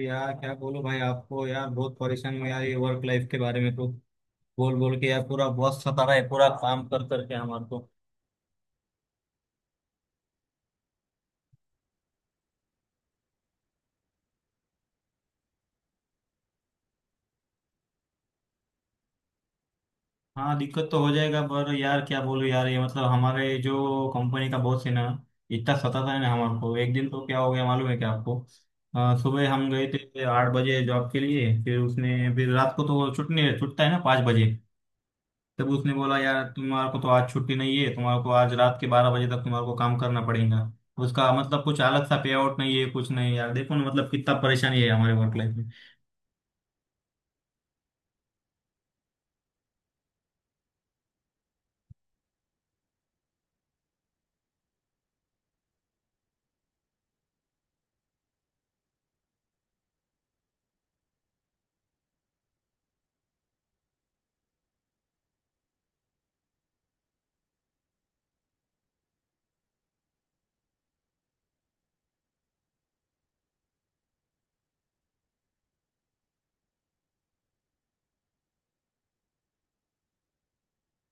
यार क्या बोलो भाई आपको। यार बहुत परेशान हूँ यार, ये वर्क लाइफ के बारे में तो बोल बोल के यार पूरा बहुत सता रहा है, पूरा काम कर करके हमारे को। हाँ, दिक्कत तो हो जाएगा, पर यार क्या बोलूँ यार, ये मतलब हमारे जो कंपनी का बॉस है ना, इतना सताता है ना हमारे को। एक दिन तो क्या हो गया मालूम है क्या आपको? सुबह हम गए थे 8 बजे जॉब के लिए, फिर उसने, फिर रात को तो छुट्टी छुटता है ना 5 बजे। तब उसने बोला यार तुम्हारे को तो आज छुट्टी नहीं है, तुम्हारे को आज रात के 12 बजे तक तुम्हारे को काम करना पड़ेगा। उसका मतलब कुछ अलग सा पे आउट नहीं है कुछ नहीं। यार देखो ना, मतलब कितना परेशानी है हमारे वर्क लाइफ।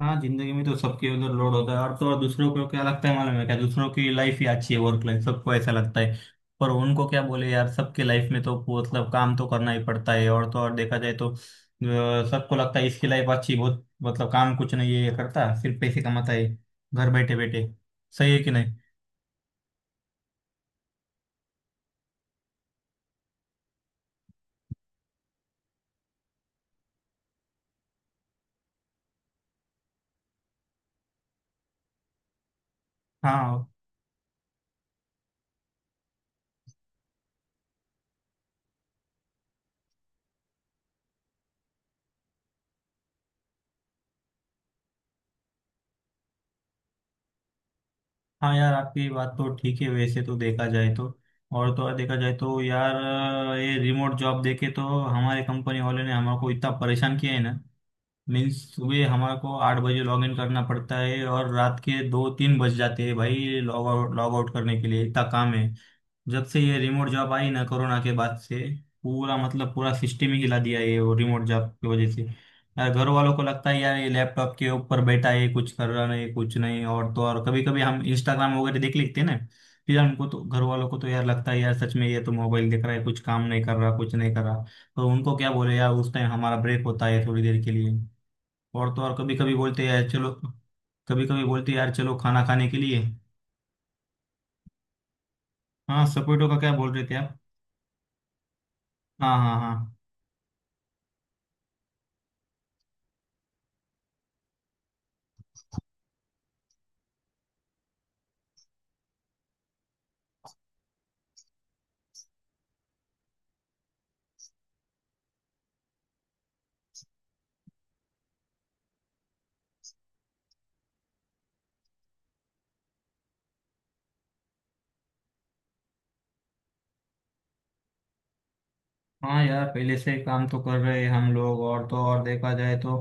हाँ, जिंदगी में तो सबके उधर लोड होता है, और तो और दूसरों को क्या लगता है मालूम है क्या? दूसरों की लाइफ ही अच्छी है, वर्क लाइफ, सबको ऐसा लगता है। पर उनको क्या बोले यार, सबके लाइफ में तो मतलब काम तो करना ही पड़ता है। और तो और देखा जाए तो सबको लगता है इसकी लाइफ अच्छी बहुत, मतलब काम कुछ नहीं है, ये करता सिर्फ पैसे कमाता है, घर बैठे बैठे। सही है कि नहीं? हाँ हाँ, यार आपकी बात तो ठीक है, वैसे तो देखा जाए तो। और तो और देखा जाए तो यार, ये रिमोट जॉब देके तो हमारे कंपनी वाले ने हमको इतना परेशान किया है ना। मीन्स सुबह हमारे को 8 बजे लॉग इन करना पड़ता है, और रात के 2-3 बज जाते हैं भाई, लॉग आउट, लॉग आउट करने के लिए इतना काम है। जब से ये रिमोट जॉब आई ना कोरोना के बाद से, पूरा मतलब पूरा सिस्टम ही हिला दिया है ये वो रिमोट जॉब की वजह से। यार घर वालों को लगता है यार ये लैपटॉप के ऊपर बैठा है, कुछ कर रहा नहीं कुछ नहीं, और तो और कभी कभी हम इंस्टाग्राम वगैरह देख लेते हैं ना। फिर हमको तो, घर वालों को तो यार लगता है यार सच में ये तो मोबाइल देख रहा है, कुछ काम नहीं कर रहा कुछ नहीं कर रहा। तो उनको क्या बोले यार, उस टाइम हमारा ब्रेक होता है थोड़ी देर के लिए। और तो और कभी कभी बोलते हैं यार चलो, कभी कभी बोलते हैं यार चलो खाना खाने के लिए। हाँ, सपोर्टो का क्या बोल रहे थे आप? हाँ हाँ हाँ। हाँ यार पहले से काम तो कर रहे हैं हम लोग, और तो और देखा जाए तो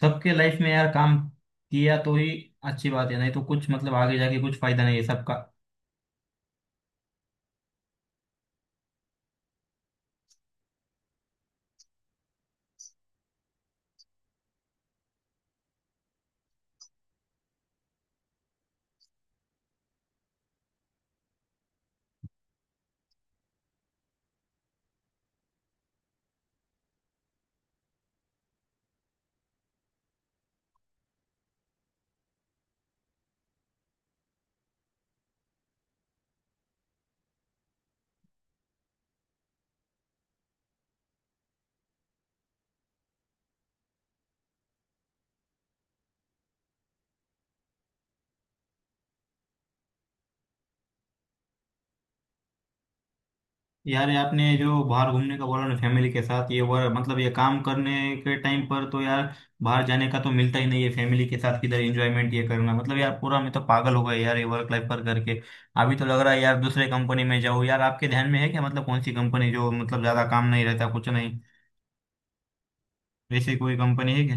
सबके लाइफ में यार काम किया तो ही अच्छी बात है, नहीं तो कुछ मतलब आगे जाके कुछ फायदा नहीं है सबका। यार ये आपने जो बाहर घूमने का बोला ना फैमिली के साथ, ये वर मतलब ये काम करने के टाइम पर तो यार बाहर जाने का तो मिलता ही नहीं है फैमिली के साथ, किधर एंजॉयमेंट ये करना मतलब, यार पूरा मैं तो पागल हो गया यार ये वर्क लाइफ पर करके। अभी तो लग रहा है यार दूसरे कंपनी में जाऊँ यार, आपके ध्यान में है क्या मतलब कौन सी कंपनी जो मतलब ज्यादा काम नहीं रहता कुछ नहीं, वैसे कोई कंपनी है क्या?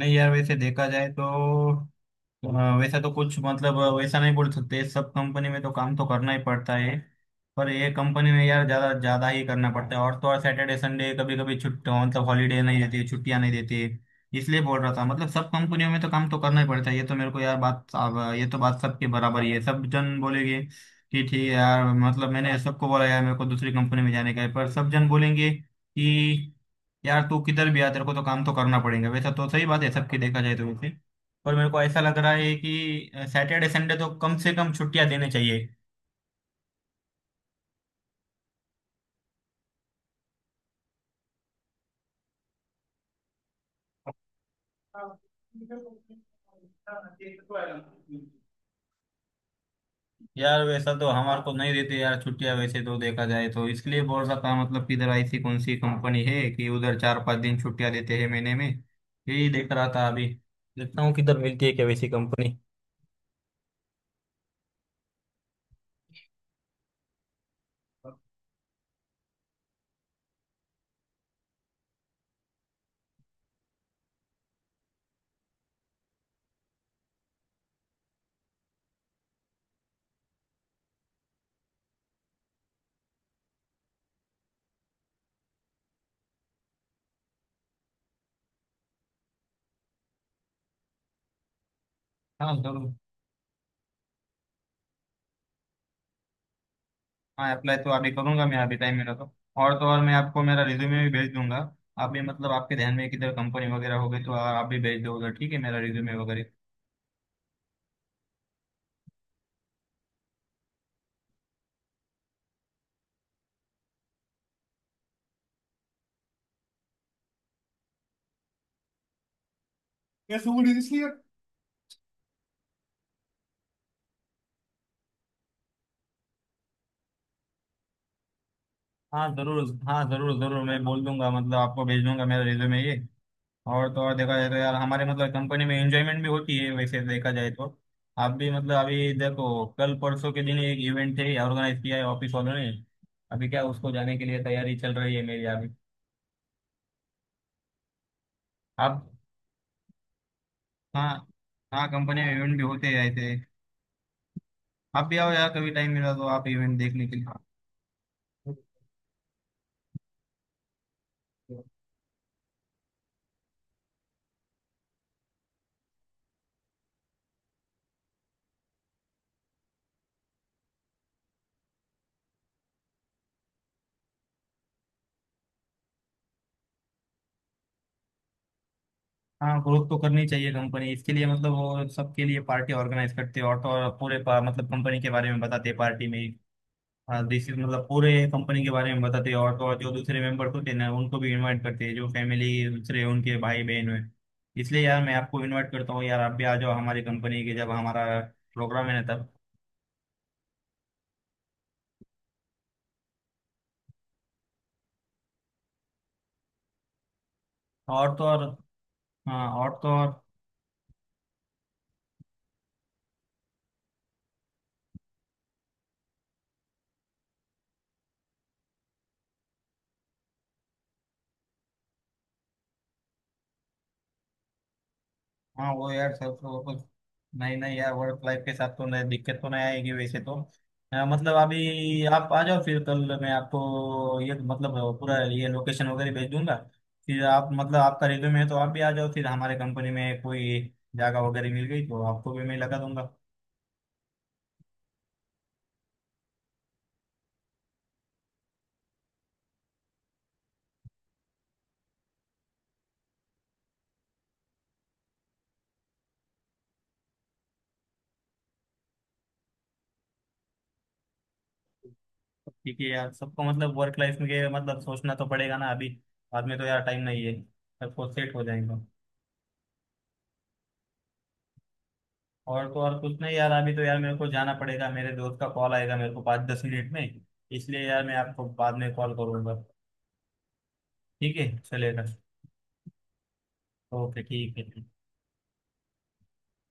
नहीं यार, वैसे देखा जाए तो हाँ, वैसा तो कुछ मतलब वैसा नहीं बोल सकते, सब कंपनी में तो काम तो करना ही पड़ता है। पर ये कंपनी में यार ज्यादा ज्यादा ही करना पड़ता है, और तो और सैटरडे संडे कभी कभी छुट्टी मतलब हॉलीडे नहीं देते, छुट्टियां नहीं देते। इसलिए बोल रहा था मतलब सब कंपनियों में तो काम तो करना ही पड़ता है, ये तो मेरे को यार बात, अब ये तो बात सबके बराबर ही है। सब जन बोलेंगे कि ठीक है यार, मतलब मैंने सबको बोला यार मेरे को दूसरी कंपनी में जाने का है, पर सब जन बोलेंगे कि यार तू किधर भी आ तेरे को तो काम तो करना पड़ेगा, वैसा तो सही बात है सबकी, देखा जाए तो वैसे। और मेरे को ऐसा लग रहा है कि सैटरडे संडे तो कम से कम छुट्टियां देने चाहिए। यार वैसा तो हमारे को नहीं देते यार छुट्टियां, वैसे तो देखा जाए तो इसलिए बोल रहा था मतलब कि इधर ऐसी कौन सी कंपनी है कि उधर 4-5 दिन छुट्टियां देते हैं महीने में, यही देख रहा था अभी, देखता हूँ किधर मिलती है क्या वैसी कंपनी। हाँ जरूर। हाँ, अप्लाई तो अभी करूंगा मैं, अभी टाइम मिला तो। और तो और मैं आपको मेरा रिज्यूमे भी भेज दूंगा। आप भी मतलब आपके ध्यान में किधर कंपनी वगैरह हो गई तो आप भी भेज दो उधर, ठीक है, मेरा रिज्यूमे वगैरह। हाँ जरूर, हाँ जरूर जरूर, मैं बोल दूंगा मतलब आपको भेज दूंगा मेरा रिज्यूमे ये। और तो और देखा जाए तो यार हमारे मतलब कंपनी में एंजॉयमेंट भी होती है वैसे देखा जाए तो। आप भी मतलब अभी देखो, कल परसों के दिन एक इवेंट है, ऑर्गेनाइज किया है ऑफिस वालों ने। अभी क्या उसको जाने के लिए तैयारी चल रही है मेरी अभी। आप, हाँ हाँ, कंपनी में इवेंट भी होते हैं ऐसे। आप भी आओ यार कभी टाइम मिला तो आप इवेंट देखने के लिए। हाँ, ग्रोथ तो करनी चाहिए कंपनी, इसके लिए मतलब वो सबके लिए पार्टी ऑर्गेनाइज करते हैं, और तो और मतलब कंपनी के बारे में बताते हैं पार्टी में। हाँ दिस इज मतलब पूरे कंपनी के बारे में बताते हैं, और तो और जो दूसरे मेंबर्स होते हैं ना उनको भी इनवाइट करते हैं जो फैमिली, दूसरे उनके भाई बहन हैं। इसलिए यार मैं आपको इनवाइट करता हूँ यार, आप भी आ जाओ हमारी कंपनी के जब हमारा प्रोग्राम है ना तब। और तो और, हाँ, और तो और, हाँ वो यार सब तो कुछ नहीं, नहीं यार वर्क लाइफ के साथ तो नहीं, दिक्कत तो नहीं आएगी वैसे तो। मतलब अभी आप आ जाओ, फिर कल मैं आपको ये मतलब पूरा ये लोकेशन वगैरह भेज दूंगा। फिर आप मतलब आपका रिज्यूमे है तो आप भी आ जाओ, फिर हमारे कंपनी में कोई जगह वगैरह मिल गई तो आपको भी मैं लगा दूंगा। ठीक है यार, सबको मतलब वर्क लाइफ में के मतलब सोचना तो पड़ेगा ना अभी, बाद में तो यार टाइम नहीं है, सबको सेट हो जाएगा। और तो और कुछ नहीं यार, अभी तो यार मेरे को जाना पड़ेगा, मेरे दोस्त का कॉल आएगा मेरे को 5-10 मिनट में। इसलिए यार मैं आपको बाद में कॉल करूंगा। ठीक है, चलेगा। ओके ठीक है।